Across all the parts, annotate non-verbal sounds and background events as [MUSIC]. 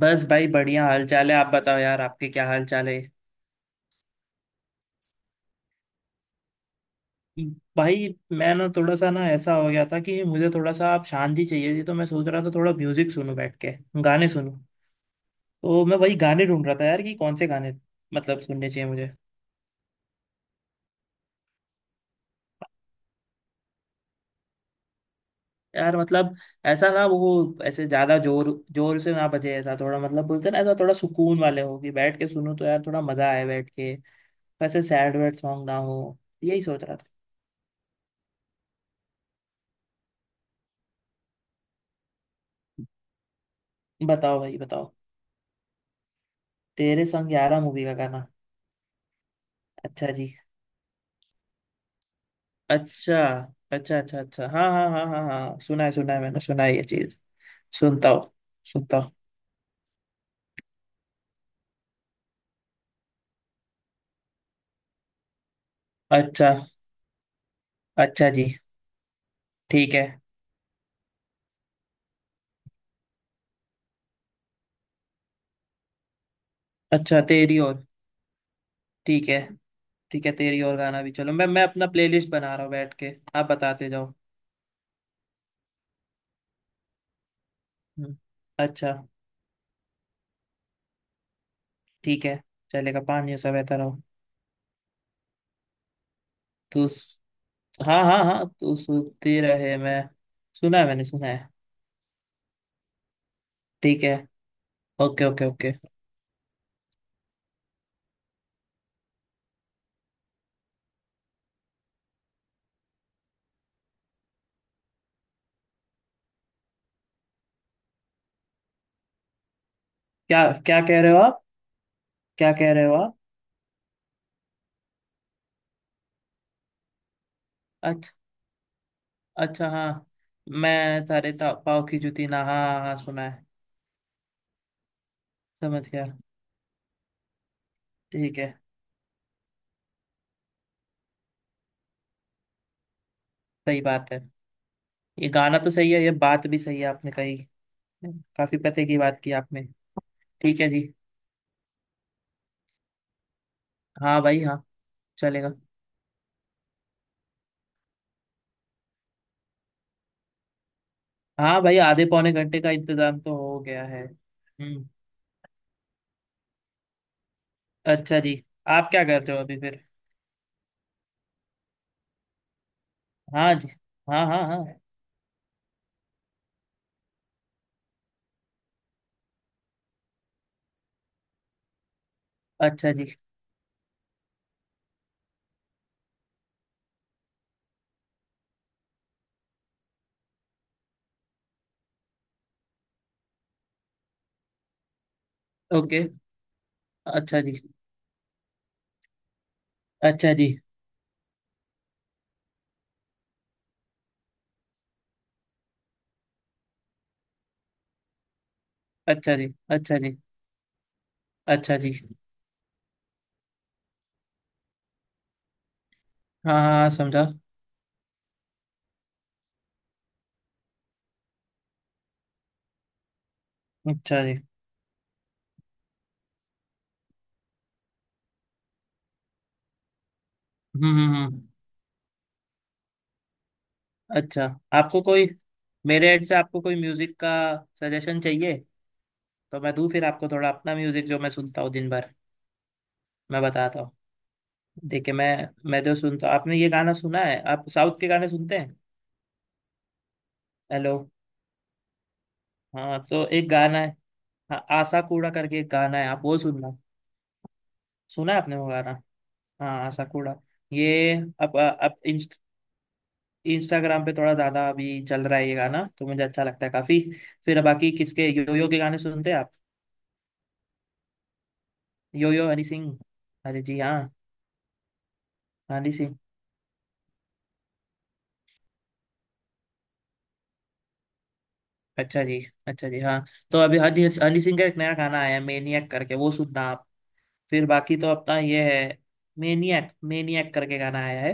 बस भाई बढ़िया हाल चाल है। आप बताओ यार आपके क्या हाल चाल है। भाई मैं ना थोड़ा सा ना ऐसा हो गया था कि मुझे थोड़ा सा आप शांति चाहिए थी, तो मैं सोच रहा था थोड़ा म्यूजिक सुनूं बैठ के गाने सुनूं। तो मैं वही गाने ढूंढ रहा था यार कि कौन से गाने मतलब सुनने चाहिए मुझे। यार मतलब ऐसा ना वो ऐसे ज्यादा जोर जोर से ना बजे, ऐसा थोड़ा मतलब बोलते हैं ना, ऐसा थोड़ा सुकून वाले हो कि बैठ के सुनूं तो यार थोड़ा मजा आए बैठ के। वैसे सैड वैड सॉन्ग ना हो। यही सोच रहा था। बताओ भाई बताओ। तेरे संग यारा मूवी का गाना? अच्छा जी। अच्छा अच्छा अच्छा अच्छा, हाँ हाँ हाँ हाँ हाँ, सुना है सुना है, मैंने सुना है ये चीज। सुनता हूँ, सुनता हूँ। अच्छा। अच्छा जी, ठीक है। अच्छा, तेरी और। ठीक है, ठीक है, तेरी और गाना भी चलो, मैं अपना प्लेलिस्ट बना रहा हूँ बैठ के। आप बताते जाओ। हम्म, अच्छा। ठीक है, चलेगा। पानी सा बहता रहो तू, हाँ हाँ हाँ, तू सुनती रहे मैं, सुना है, मैंने सुना है। ठीक है। Okay okay okay. क्या क्या कह रहे हो आप? क्या कह रहे हो आप? अच्छा, अच्छा हाँ, मैं तारे पाव की जूती ना, हाँ हाँ हाँ, सुना है। समझ गया। ठीक है। सही बात है। ये गाना तो सही है, ये बात भी सही है आपने कही। काफी पते की बात की आपने। ठीक है जी। हाँ भाई हाँ, चलेगा। हाँ भाई आधे पौने घंटे का इंतजाम तो हो गया है, हम्म। अच्छा जी। आप क्या कर रहे हो अभी फिर? हाँ जी, हाँ हाँ हाँ। अच्छा जी। ओके। अच्छा जी। अच्छा जी। अच्छा जी। अच्छा जी। अच्छा जी। हाँ हाँ हाँ, समझा। अच्छा जी। हम्म। अच्छा। आपको कोई, मेरे एड से आपको कोई म्यूजिक का सजेशन चाहिए तो मैं दूं फिर आपको थोड़ा अपना म्यूजिक जो मैं सुनता हूँ दिन भर। मैं बताता हूँ। देखिए मैं जो सुनता हूँ, आपने ये गाना सुना है, आप साउथ के गाने सुनते हैं? हेलो। हाँ, तो एक गाना है, हाँ आशा कूड़ा करके एक गाना है, आप वो सुनना, सुना है आपने वो गाना? हाँ आशा कूड़ा। ये अब इंस्टाग्राम पे थोड़ा ज्यादा अभी चल रहा है ये गाना, तो मुझे अच्छा लगता है काफी। फिर बाकी किसके, योयो के गाने सुनते हैं आप? योयो हनी सिंह। अरे जी हाँ, हनी सिंह। अच्छा जी। अच्छा जी हाँ, तो अभी हनी हनी सिंह का एक नया गाना आया है मेनियक करके, वो सुनना आप। फिर बाकी तो अपना ये है। मेनियक मेनियक करके गाना आया है।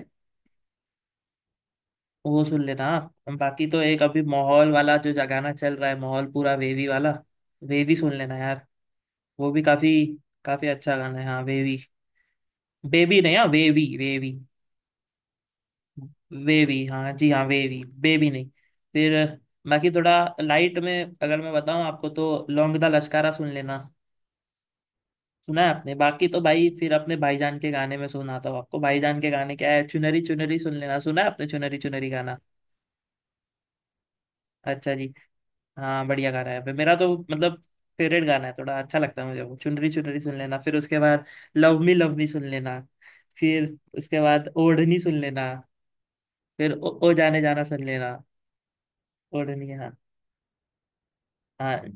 वो सुन लेना आप, बाकी तो एक अभी माहौल वाला जो गाना चल रहा है, माहौल पूरा वेवी वाला। वेवी सुन लेना यार। वो भी काफी काफी अच्छा गाना है, हाँ वेवी। बेबी नहीं, हाँ वेवी वेवी। वेवी, हाँ जी, हाँ वेवी, बेबी नहीं। फिर बाकी थोड़ा लाइट में अगर मैं बताऊं आपको, तो लौंग दा लश्कारा सुन लेना। सुना है आपने, बाकी तो भाई फिर अपने भाईजान के गाने में सुनाता हूँ आपको, भाईजान के गाने क्या है, चुनरी चुनरी सुन लेना, सुना है आपने चुनरी चुनरी गाना? अच्छा जी। हाँ बढ़िया गाना है, मेरा तो मतलब फेवरेट गाना है, थोड़ा अच्छा लगता है मुझे वो चुनरी चुनरी सुन लेना, फिर उसके बाद लव मी सुन लेना, फिर उसके बाद ओढ़नी सुन लेना, फिर ओ जाने जाना सुन लेना। ओढ़नी हाँ, हाँ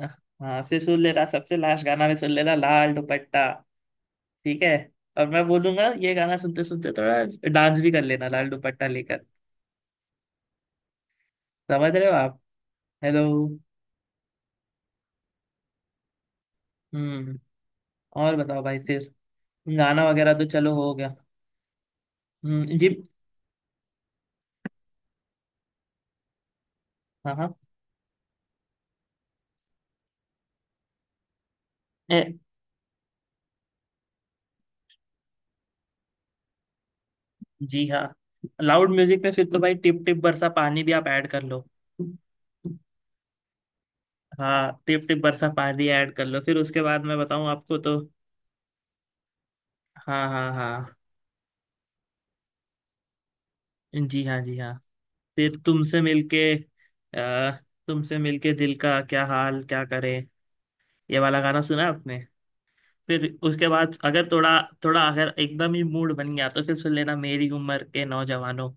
हाँ हाँ, फिर सुन लेना सबसे लास्ट गाना में सुन लेना लाल दुपट्टा। ठीक है, और मैं बोलूंगा ये गाना सुनते सुनते थोड़ा डांस भी कर लेना लाल दुपट्टा लेकर। समझ रहे हो आप? हेलो। हम्म। और बताओ भाई फिर, गाना वगैरह तो चलो हो गया। जी, हाँ हाँ। ए, जी हाँ, लाउड म्यूजिक में फिर तो भाई टिप टिप बरसा पानी भी आप ऐड कर लो। हाँ टिप टिप बरसा पानी ऐड कर लो, फिर उसके बाद मैं बताऊं आपको तो, हाँ हाँ हाँ, जी हाँ जी हाँ। फिर तुमसे मिलके दिल का क्या हाल क्या करे, ये वाला गाना सुना आपने? फिर उसके बाद अगर थोड़ा, थोड़ा अगर एकदम ही मूड बन गया, तो फिर सुन लेना मेरी उम्र के नौजवानों।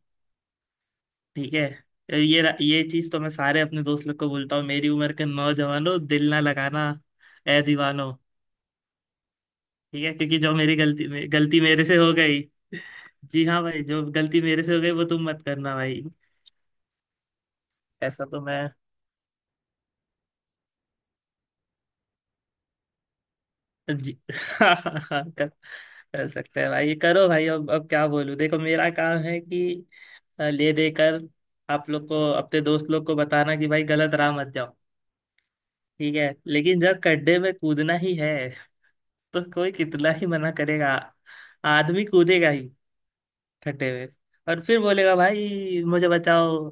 ठीक है। ये चीज तो मैं सारे अपने दोस्त लोग को बोलता हूँ, मेरी उम्र के नौजवानों दिल ना लगाना ए दीवानों। ठीक है, क्योंकि जो मेरी गलती गलती मेरे से हो गई। जी हाँ भाई, जो गलती मेरे से हो गई वो तुम मत करना भाई। ऐसा तो मैं, जी [LAUGHS] हाँ हाँ हाँ, कर सकते हैं भाई, ये करो भाई, अब क्या बोलूं, देखो मेरा काम है कि ले देकर आप लोग को, अपने दोस्त लोग को बताना कि भाई गलत राह मत जाओ। ठीक है, लेकिन जब गड्ढे में कूदना ही है तो कोई कितना ही मना करेगा, आदमी कूदेगा ही गड्ढे में, और फिर बोलेगा भाई मुझे बचाओ।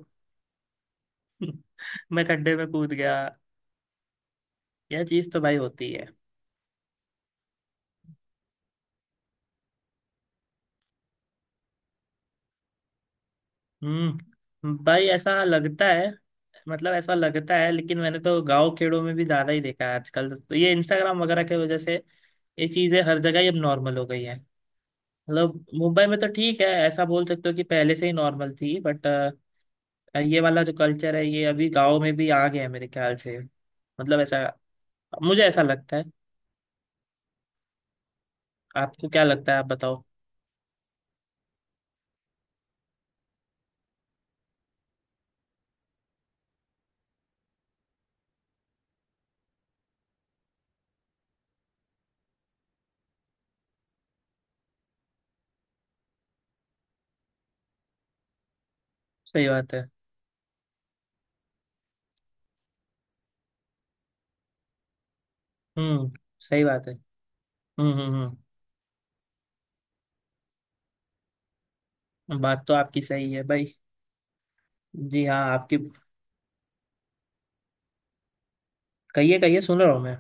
[LAUGHS] मैं गड्ढे में कूद गया। यह चीज तो भाई होती है। हम्म, भाई ऐसा लगता है, मतलब ऐसा लगता है, लेकिन मैंने तो गांव खेड़ों में भी ज्यादा ही देखा है, आजकल तो ये इंस्टाग्राम वगैरह की वजह से ये चीजें हर जगह ही अब नॉर्मल हो गई है। मतलब मुंबई में तो ठीक है, ऐसा बोल सकते हो कि पहले से ही नॉर्मल थी, बट ये वाला जो कल्चर है ये अभी गांव में भी आ गया है मेरे ख्याल से, मतलब ऐसा मुझे ऐसा लगता है। आपको क्या लगता है, आप बताओ। सही बात है। हम्म, सही बात है। हम्म हम्म हम्म, बात तो आपकी सही है भाई। जी हाँ, आपकी। कहिए कहिए, सुन रहा हूँ मैं।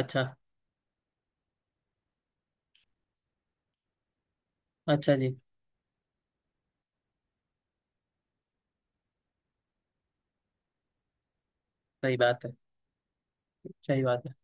अच्छा। अच्छा जी। सही बात है। सही बात है।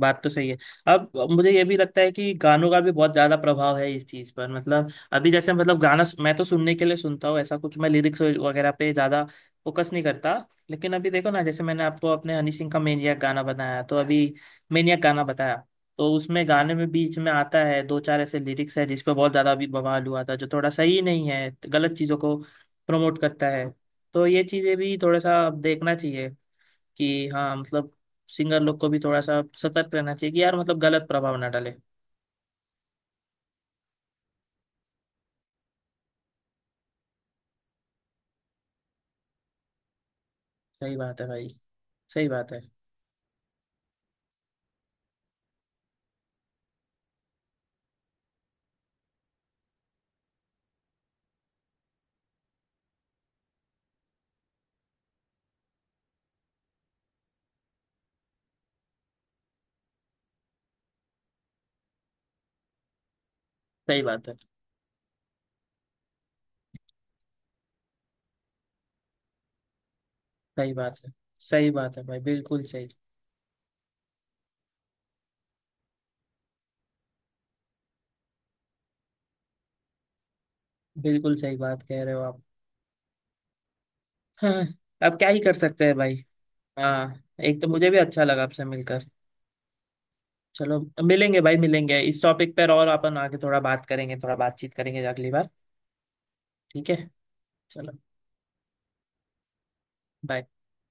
बात तो सही है। अब मुझे ये भी लगता है कि गानों का भी बहुत ज्यादा प्रभाव है इस चीज पर, मतलब अभी जैसे, मतलब गाना मैं तो सुनने के लिए सुनता हूँ, ऐसा कुछ मैं लिरिक्स वगैरह पे ज्यादा फोकस नहीं करता, लेकिन अभी देखो ना, जैसे मैंने आपको अपने हनी सिंह का मेनियक गाना बताया, तो अभी मेनियक गाना बताया, तो उसमें गाने में बीच में आता है, दो चार ऐसे लिरिक्स है जिस पर बहुत ज्यादा अभी बवाल हुआ था, जो थोड़ा सही नहीं है, गलत चीजों को प्रमोट करता है। तो ये चीजें भी थोड़ा सा अब देखना चाहिए कि हाँ मतलब, सिंगर लोग को भी थोड़ा सा सतर्क रहना चाहिए कि यार मतलब गलत प्रभाव ना डाले। सही बात है भाई। सही बात है। सही बात है। सही बात है। सही बात है भाई, बिल्कुल सही। बिल्कुल सही बात कह रहे हो आप। हाँ, अब क्या ही कर सकते हैं भाई। हाँ, एक तो मुझे भी अच्छा लगा आपसे मिलकर। चलो मिलेंगे भाई, मिलेंगे इस टॉपिक पर और अपन आगे थोड़ा बात करेंगे, थोड़ा बातचीत करेंगे अगली बार। ठीक है। चलो bye।